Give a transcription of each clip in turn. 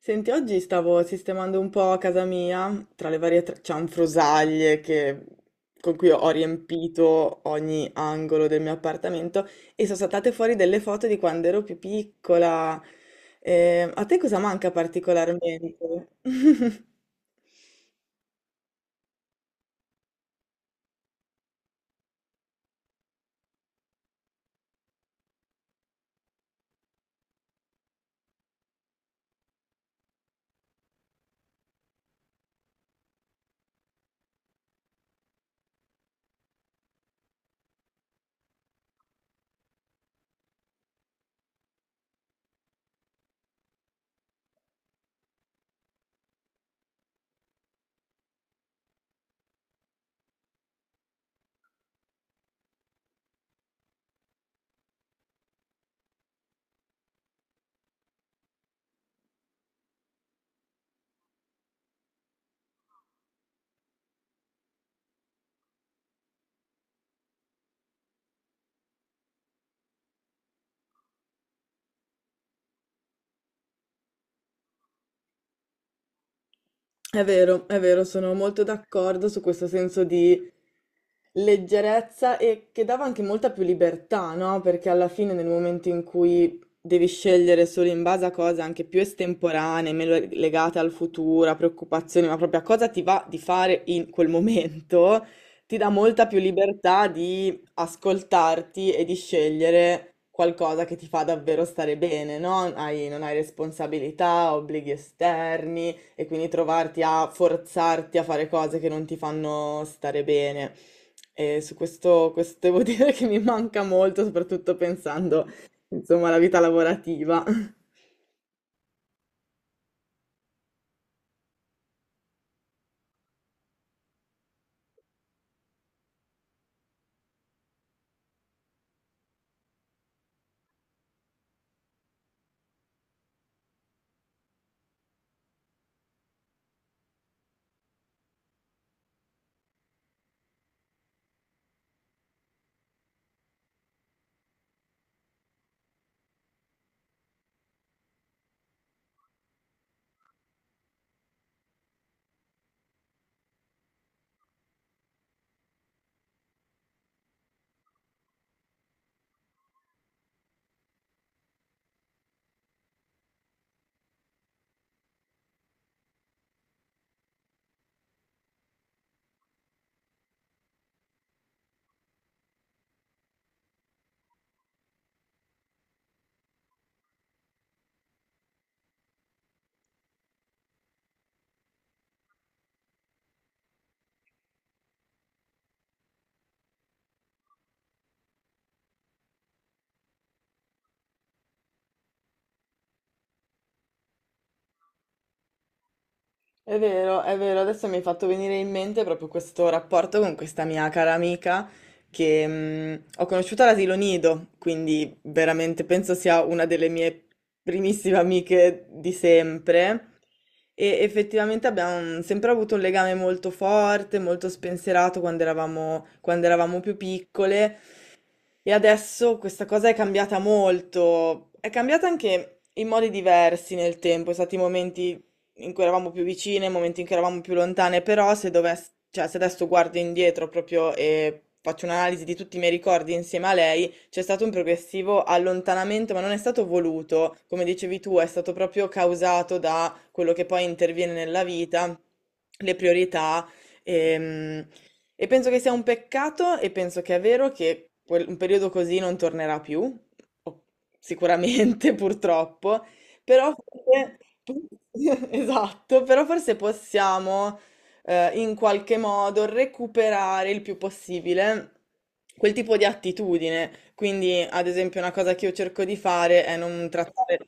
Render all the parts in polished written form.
Senti, oggi stavo sistemando un po' a casa mia, tra le varie cianfrusaglie con cui ho riempito ogni angolo del mio appartamento e sono saltate fuori delle foto di quando ero più piccola. A te cosa manca particolarmente? È vero, sono molto d'accordo su questo senso di leggerezza e che dava anche molta più libertà, no? Perché alla fine nel momento in cui devi scegliere solo in base a cose anche più estemporanee, meno legate al futuro, a preoccupazioni, ma proprio a cosa ti va di fare in quel momento, ti dà molta più libertà di ascoltarti e di scegliere qualcosa che ti fa davvero stare bene, no? Non hai responsabilità, obblighi esterni e quindi trovarti a forzarti a fare cose che non ti fanno stare bene. E su questo devo dire che mi manca molto, soprattutto pensando, insomma, alla vita lavorativa. È vero, adesso mi hai fatto venire in mente proprio questo rapporto con questa mia cara amica che ho conosciuto all'asilo nido, quindi veramente penso sia una delle mie primissime amiche di sempre. E effettivamente abbiamo sempre avuto un legame molto forte, molto spensierato quando eravamo più piccole. E adesso questa cosa è cambiata molto, è cambiata anche in modi diversi nel tempo, sono stati momenti in cui eravamo più vicine, momenti in cui eravamo più lontane, però se dovess- cioè, se adesso guardo indietro proprio e faccio un'analisi di tutti i miei ricordi insieme a lei, c'è stato un progressivo allontanamento, ma non è stato voluto, come dicevi tu, è stato proprio causato da quello che poi interviene nella vita, le priorità. Ehm, e penso che sia un peccato e penso che è vero che un periodo così non tornerà più, o- sicuramente purtroppo, però forse, esatto, però forse possiamo in qualche modo recuperare il più possibile quel tipo di attitudine. Quindi, ad esempio, una cosa che io cerco di fare è non trattare,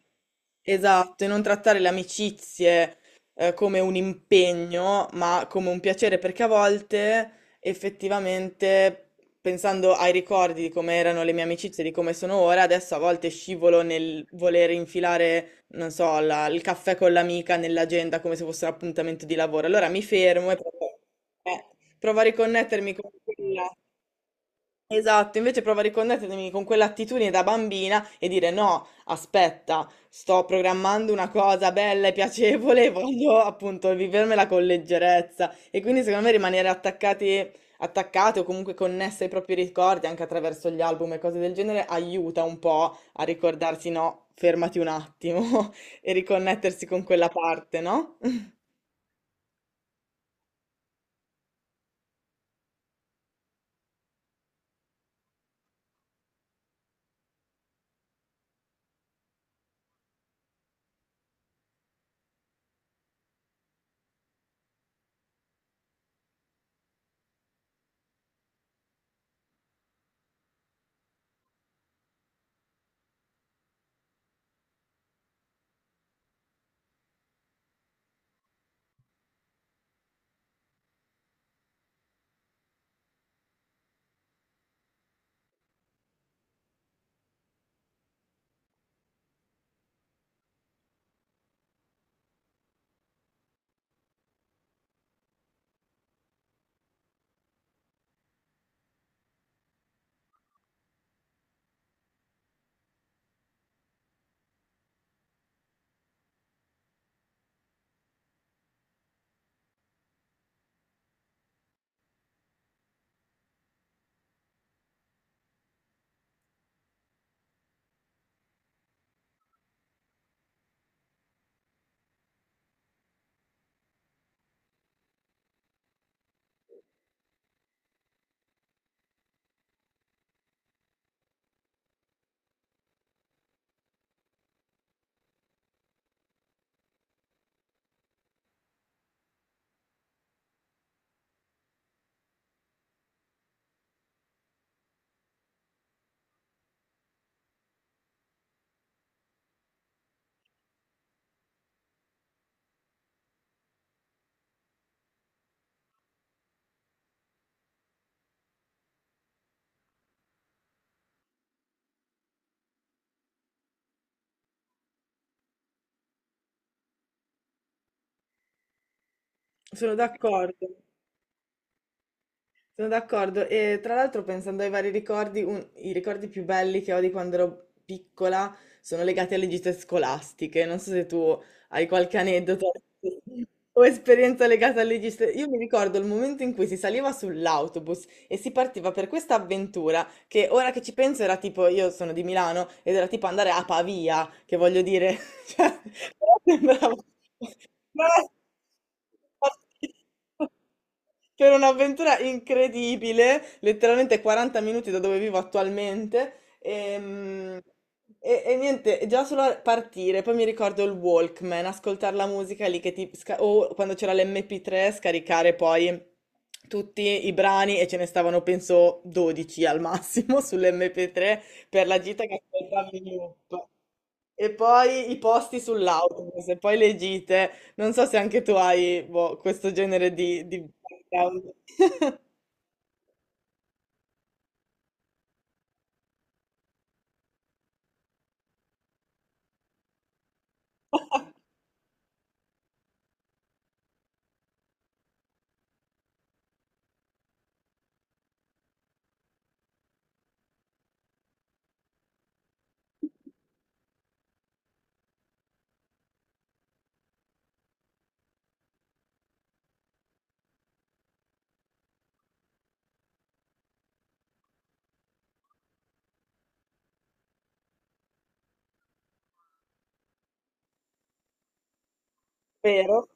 esatto, e non trattare le amicizie come un impegno, ma come un piacere, perché a volte effettivamente, pensando ai ricordi di come erano le mie amicizie, di come sono ora, adesso a volte scivolo nel voler infilare, non so, il caffè con l'amica nell'agenda come se fosse un appuntamento di lavoro. Allora mi fermo e provo, eh, provo a riconnettermi con quella. Esatto, invece prova a riconnettermi con quell'attitudine da bambina e dire no, aspetta, sto programmando una cosa bella e piacevole e voglio appunto vivermela con leggerezza. E quindi secondo me attaccate o comunque connesse ai propri ricordi anche attraverso gli album e cose del genere aiuta un po' a ricordarsi no, fermati un attimo e riconnettersi con quella parte, no? Sono d'accordo. Sono d'accordo e tra l'altro pensando ai vari ricordi, i ricordi più belli che ho di quando ero piccola sono legati alle gite scolastiche. Non so se tu hai qualche aneddoto o esperienza legata alle gite. Io mi ricordo il momento in cui si saliva sull'autobus e si partiva per questa avventura che ora che ci penso era tipo, io sono di Milano ed era tipo andare a Pavia, che voglio dire, cioè, però sembrava Ma per un'avventura incredibile, letteralmente 40 minuti da dove vivo attualmente. E niente, già solo a partire, poi mi ricordo il Walkman, ascoltare la musica lì che o quando c'era l'MP3 scaricare poi tutti i brani e ce ne stavano penso 12 al massimo sull'MP3 per la gita che ascoltavi in loop. E poi i posti sull'autobus, e poi le gite. Non so se anche tu hai, boh, questo genere di... Vero?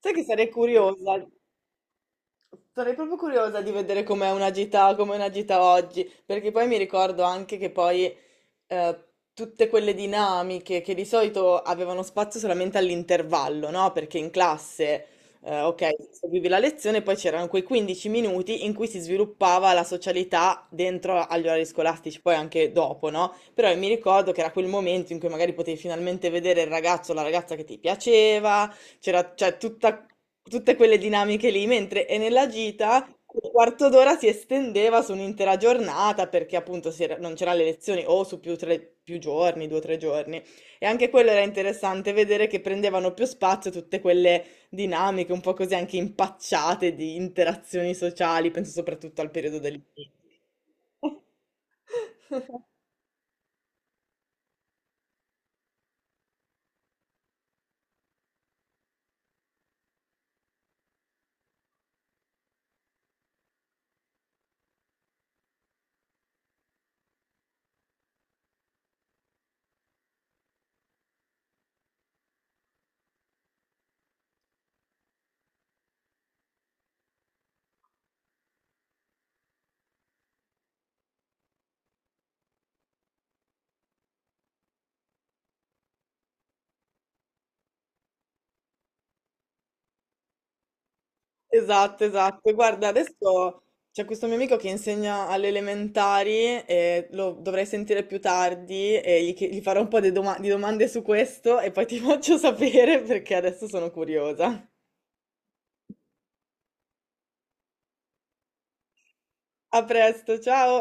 Sai che sarei curiosa? Sarei proprio curiosa di vedere com'è una gita oggi, perché poi mi ricordo anche che poi eh, tutte quelle dinamiche che di solito avevano spazio solamente all'intervallo, no? Perché in classe, ok, seguivi la lezione, poi c'erano quei 15 minuti in cui si sviluppava la socialità dentro agli orari scolastici, poi anche dopo, no? Però mi ricordo che era quel momento in cui magari potevi finalmente vedere il ragazzo o la ragazza che ti piaceva c'era, cioè, tutte quelle dinamiche lì, mentre e nella gita un quarto d'ora si estendeva su un'intera giornata perché appunto non c'erano le lezioni o su più, più giorni, due o tre giorni. E anche quello era interessante vedere che prendevano più spazio tutte quelle dinamiche, un po' così anche impacciate di interazioni sociali, penso soprattutto al periodo del... Esatto, esatto. Guarda, adesso c'è questo mio amico che insegna alle elementari e lo dovrei sentire più tardi e gli farò un po' di di domande su questo e poi ti faccio sapere perché adesso sono curiosa. A presto, ciao!